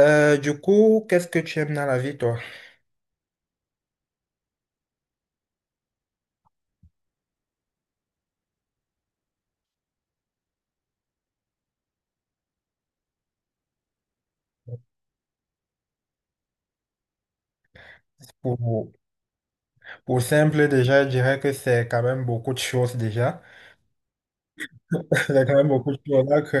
Du coup, qu'est-ce que tu aimes dans la vie, toi? Pour, pour simple, déjà, je dirais que c'est quand même beaucoup de choses déjà. C'est quand même beaucoup de choses. Là que,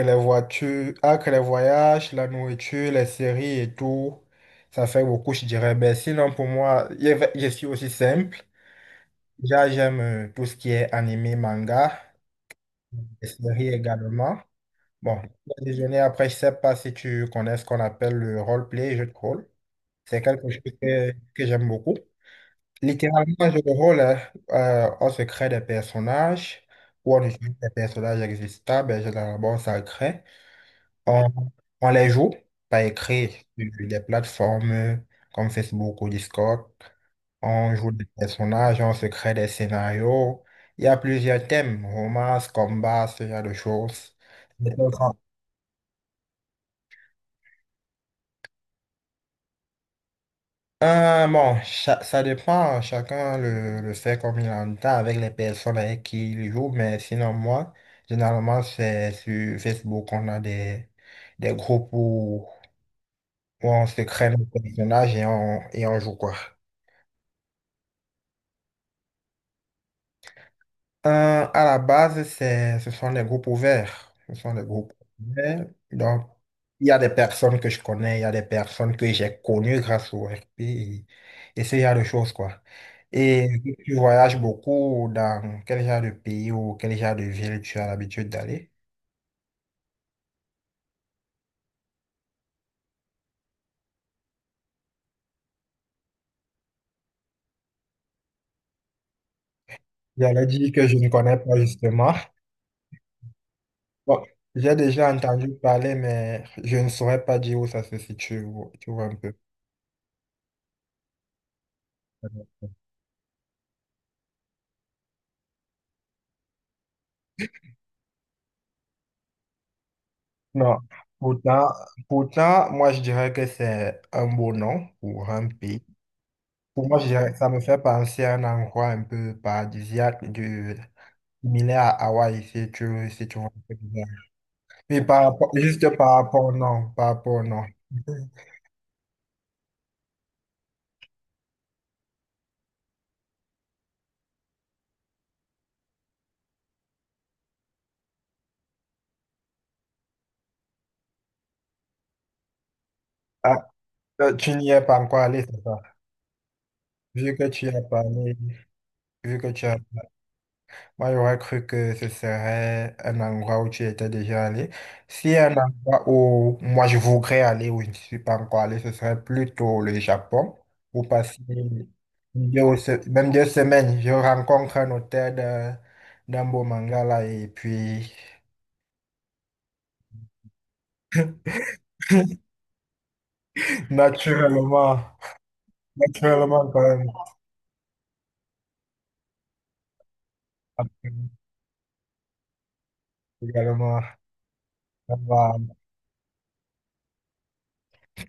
là les voitures, là les voyages, la nourriture, les séries et tout, ça fait beaucoup, je dirais. Mais sinon, pour moi, je suis aussi simple. Déjà, j'aime tout ce qui est animé, manga, les séries également. Bon, le déjeuner, après, je sais pas si tu connais ce qu'on appelle le role-play, jeu de rôle. C'est quelque chose que j'aime beaucoup. Littéralement, je le rôle, hein, on se crée des personnages ou on utilise des personnages existants, mais généralement, on s'en crée. On, on les joue par écrit sur des plateformes comme Facebook ou Discord. On joue des personnages, on se crée des scénarios. Il y a plusieurs thèmes, romance, combat, ce genre de choses. Bon, ça dépend, hein. Chacun le fait comme il entend avec les personnes avec qui il joue. Mais sinon, moi, généralement, c'est sur Facebook qu'on a des groupes où on se crée nos personnages et et on joue quoi. Euh, à la base, ce sont des groupes ouverts. Ce sont des groupes ouverts. Donc, il y a des personnes que je connais, il y a des personnes que j'ai connues grâce au RP et ce genre de choses, quoi. Et vu que tu voyages beaucoup, dans quel genre de pays ou quel genre de ville tu as l'habitude d'aller? J'allais dire que je ne connais pas justement. Bon, j'ai déjà entendu parler, mais je ne saurais pas dire où ça se situe. Tu vois un peu. Non, pourtant, pourtant, moi je dirais que c'est un beau nom pour un pays. Pour moi, je dirais que ça me fait penser à un endroit un peu paradisiaque, du, similaire à Hawaï, si tu vois ce que je veux dire. Mais par rapport, juste par rapport au nom, par rapport au nom. Ah, tu n'y es pas encore allé, c'est ça? Vu que tu as parlé, vu que tu as Moi, j'aurais cru que ce serait un endroit où tu étais déjà allé. Si un endroit où moi je voudrais aller, où je ne suis pas encore allé, ce serait plutôt le Japon, où passer même deux semaines. Je rencontre un hôtel d'un beau manga là, et puis naturellement, naturellement quand même, après, également, on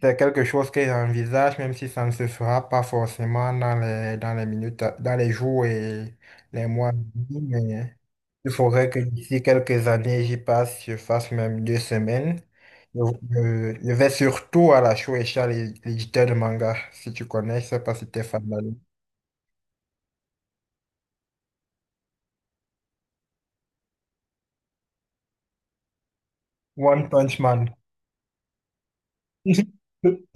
C'est quelque chose que j'envisage, même si ça ne se fera pas forcément dans dans les minutes, dans les jours et les mois à venir. Mais il faudrait que d'ici quelques années, j'y passe, je fasse même deux semaines. Je, je vais surtout à la Shueisha, l'éditeur de manga, si tu connais, je sais pas si tu es fan de l'anime. One Punch Man.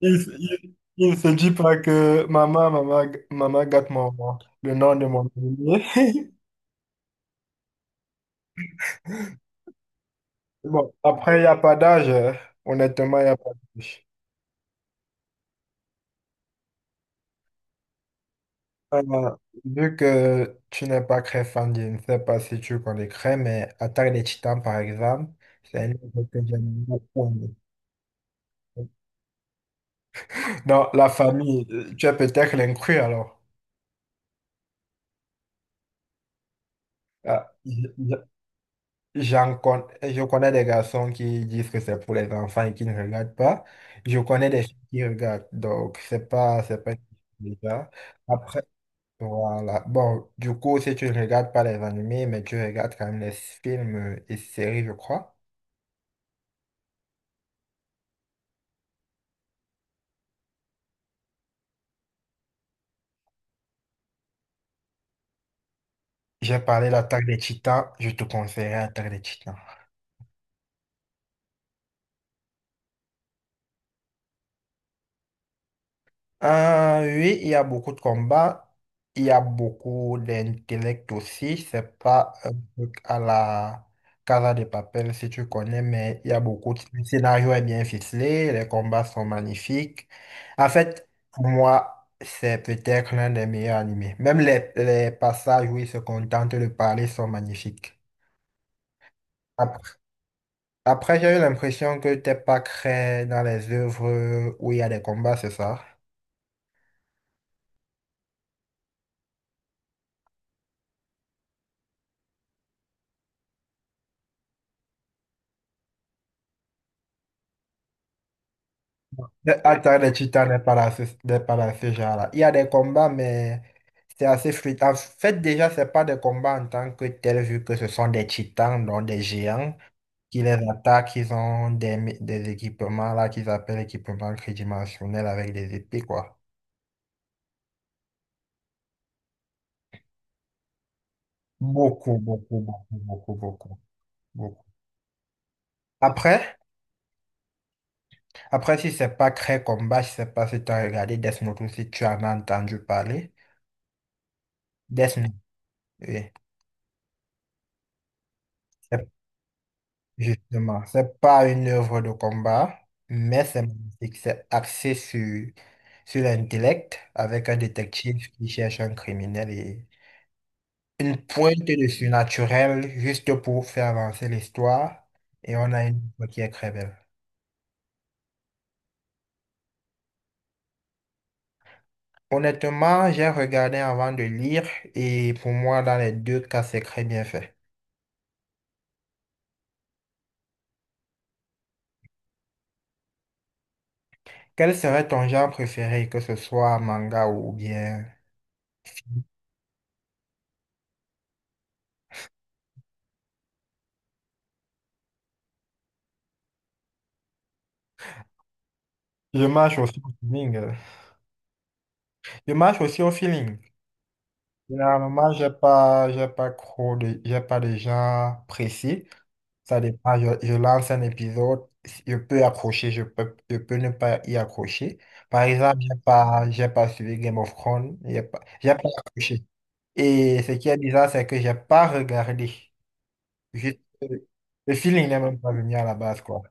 Il, il- il se dit pas que maman, maman, maman gâte mon, le nom de mon bébé. Bon, après, il n'y a pas d'âge, honnêtement, il n'y a pas d'âge. Euh, vu que tu n'es pas très fan, je ne sais pas si tu connais Cray, mais Attaque des Titans, par exemple, c'est un livre que j'aime beaucoup aimer. Dans la famille, tu es peut-être l'inclus alors. Ah, je- je- je connais des garçons qui disent que c'est pour les enfants et qui ne regardent pas. Je connais des filles qui regardent, donc c'est pas déjà. Voilà. Bon, du coup, si tu ne regardes pas les animés, mais tu regardes quand même les films et séries, je crois. J'ai parlé de l'Attaque des Titans, je te conseillerais l'Attaque des Titans. Oui, il y a beaucoup de combats, il y a beaucoup d'intellect aussi. C'est pas un truc à la Casa de Papel si tu connais, mais il y a beaucoup de... Le scénario est bien ficelé, les combats sont magnifiques. En fait, pour moi, c'est peut-être l'un des meilleurs animés. Même les passages où ils se contentent de parler sont magnifiques. Après, après, j'ai eu l'impression que t'es pas très dans les œuvres où il y a des combats, c'est ça? Le- Attaque des titans n'est pas là, n'est pas là, ce genre-là. Il y a des combats, mais c'est assez fluide. En fait, déjà, c'est pas des combats en tant que tels, vu que ce sont des titans, donc des géants, qui les attaquent. Ils ont des équipements là qu'ils appellent équipements tridimensionnels avec des épées, quoi. Beaucoup, beaucoup, beaucoup, beaucoup, beaucoup, beaucoup. Après, Après, si c'est pas Cré Combat, je sais pas si tu as regardé Death Note ou si tu en as entendu parler. Death Note, oui. C'est- justement, c'est pas une œuvre de combat, mais c'est magnifique. C'est axé sur l'intellect avec un détective qui cherche un criminel et une pointe de surnaturel juste pour faire avancer l'histoire. Et on a une œuvre qui est très belle. Honnêtement, j'ai regardé avant de lire et pour moi, dans les deux cas, c'est très bien fait. Quel serait ton genre préféré, que ce soit manga ou bien... Je marche aussi au feeling, je marche aussi au feeling. Généralement, j'ai pas de genre précis. Ça dépend, je lance un épisode, je peux accrocher, je peux ne pas y accrocher. Par exemple, j'ai pas suivi Game of Thrones, j'ai pas accroché. Et ce qui est bizarre, c'est que j'ai pas regardé. Juste, le feeling n'est même pas venu à la base, quoi.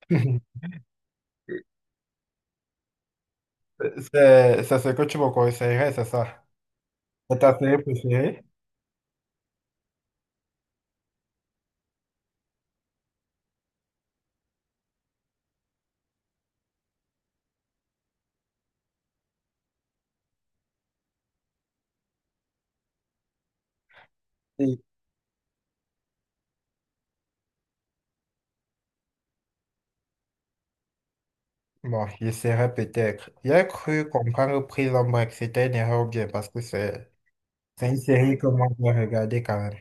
C'est ce que tu me conseillerais, c'est ça? C'est ta série préférée? Et- bon, j'essaierai peut-être. J'ai cru comprendre Prison Break, c'était une erreur ou bien parce que c'est une série que moi je vais regarder quand même.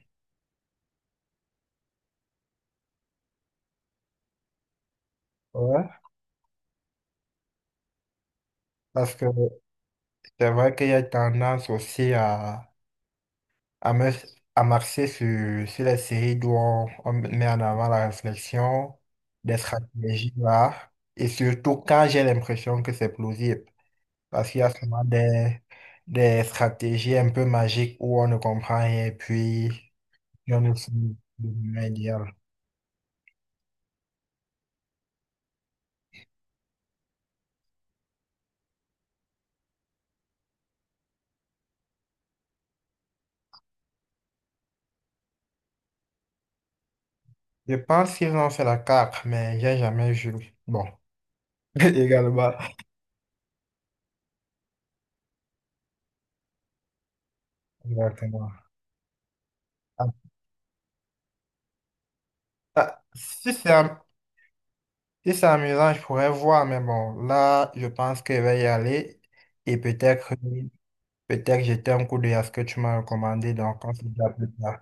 Ouais. Parce que c'est vrai qu'il y a tendance aussi à, me, à marcher sur les séries d'où on met en avant la réflexion, des stratégies là, et surtout quand j'ai l'impression que c'est plausible. Parce qu'il y a souvent des stratégies un peu magiques où on ne comprend rien et puis on ne sait le moment idéal. Je pense qu'ils ont fait la carte, mais j'ai jamais joué. Bon, également. Exactement. Ah, ah, si c'est amusant, je pourrais voir, mais bon, là, je pense que je vais y aller et peut-être jeter un coup d'œil à ce que tu m'as recommandé, donc on se dit à plus tard.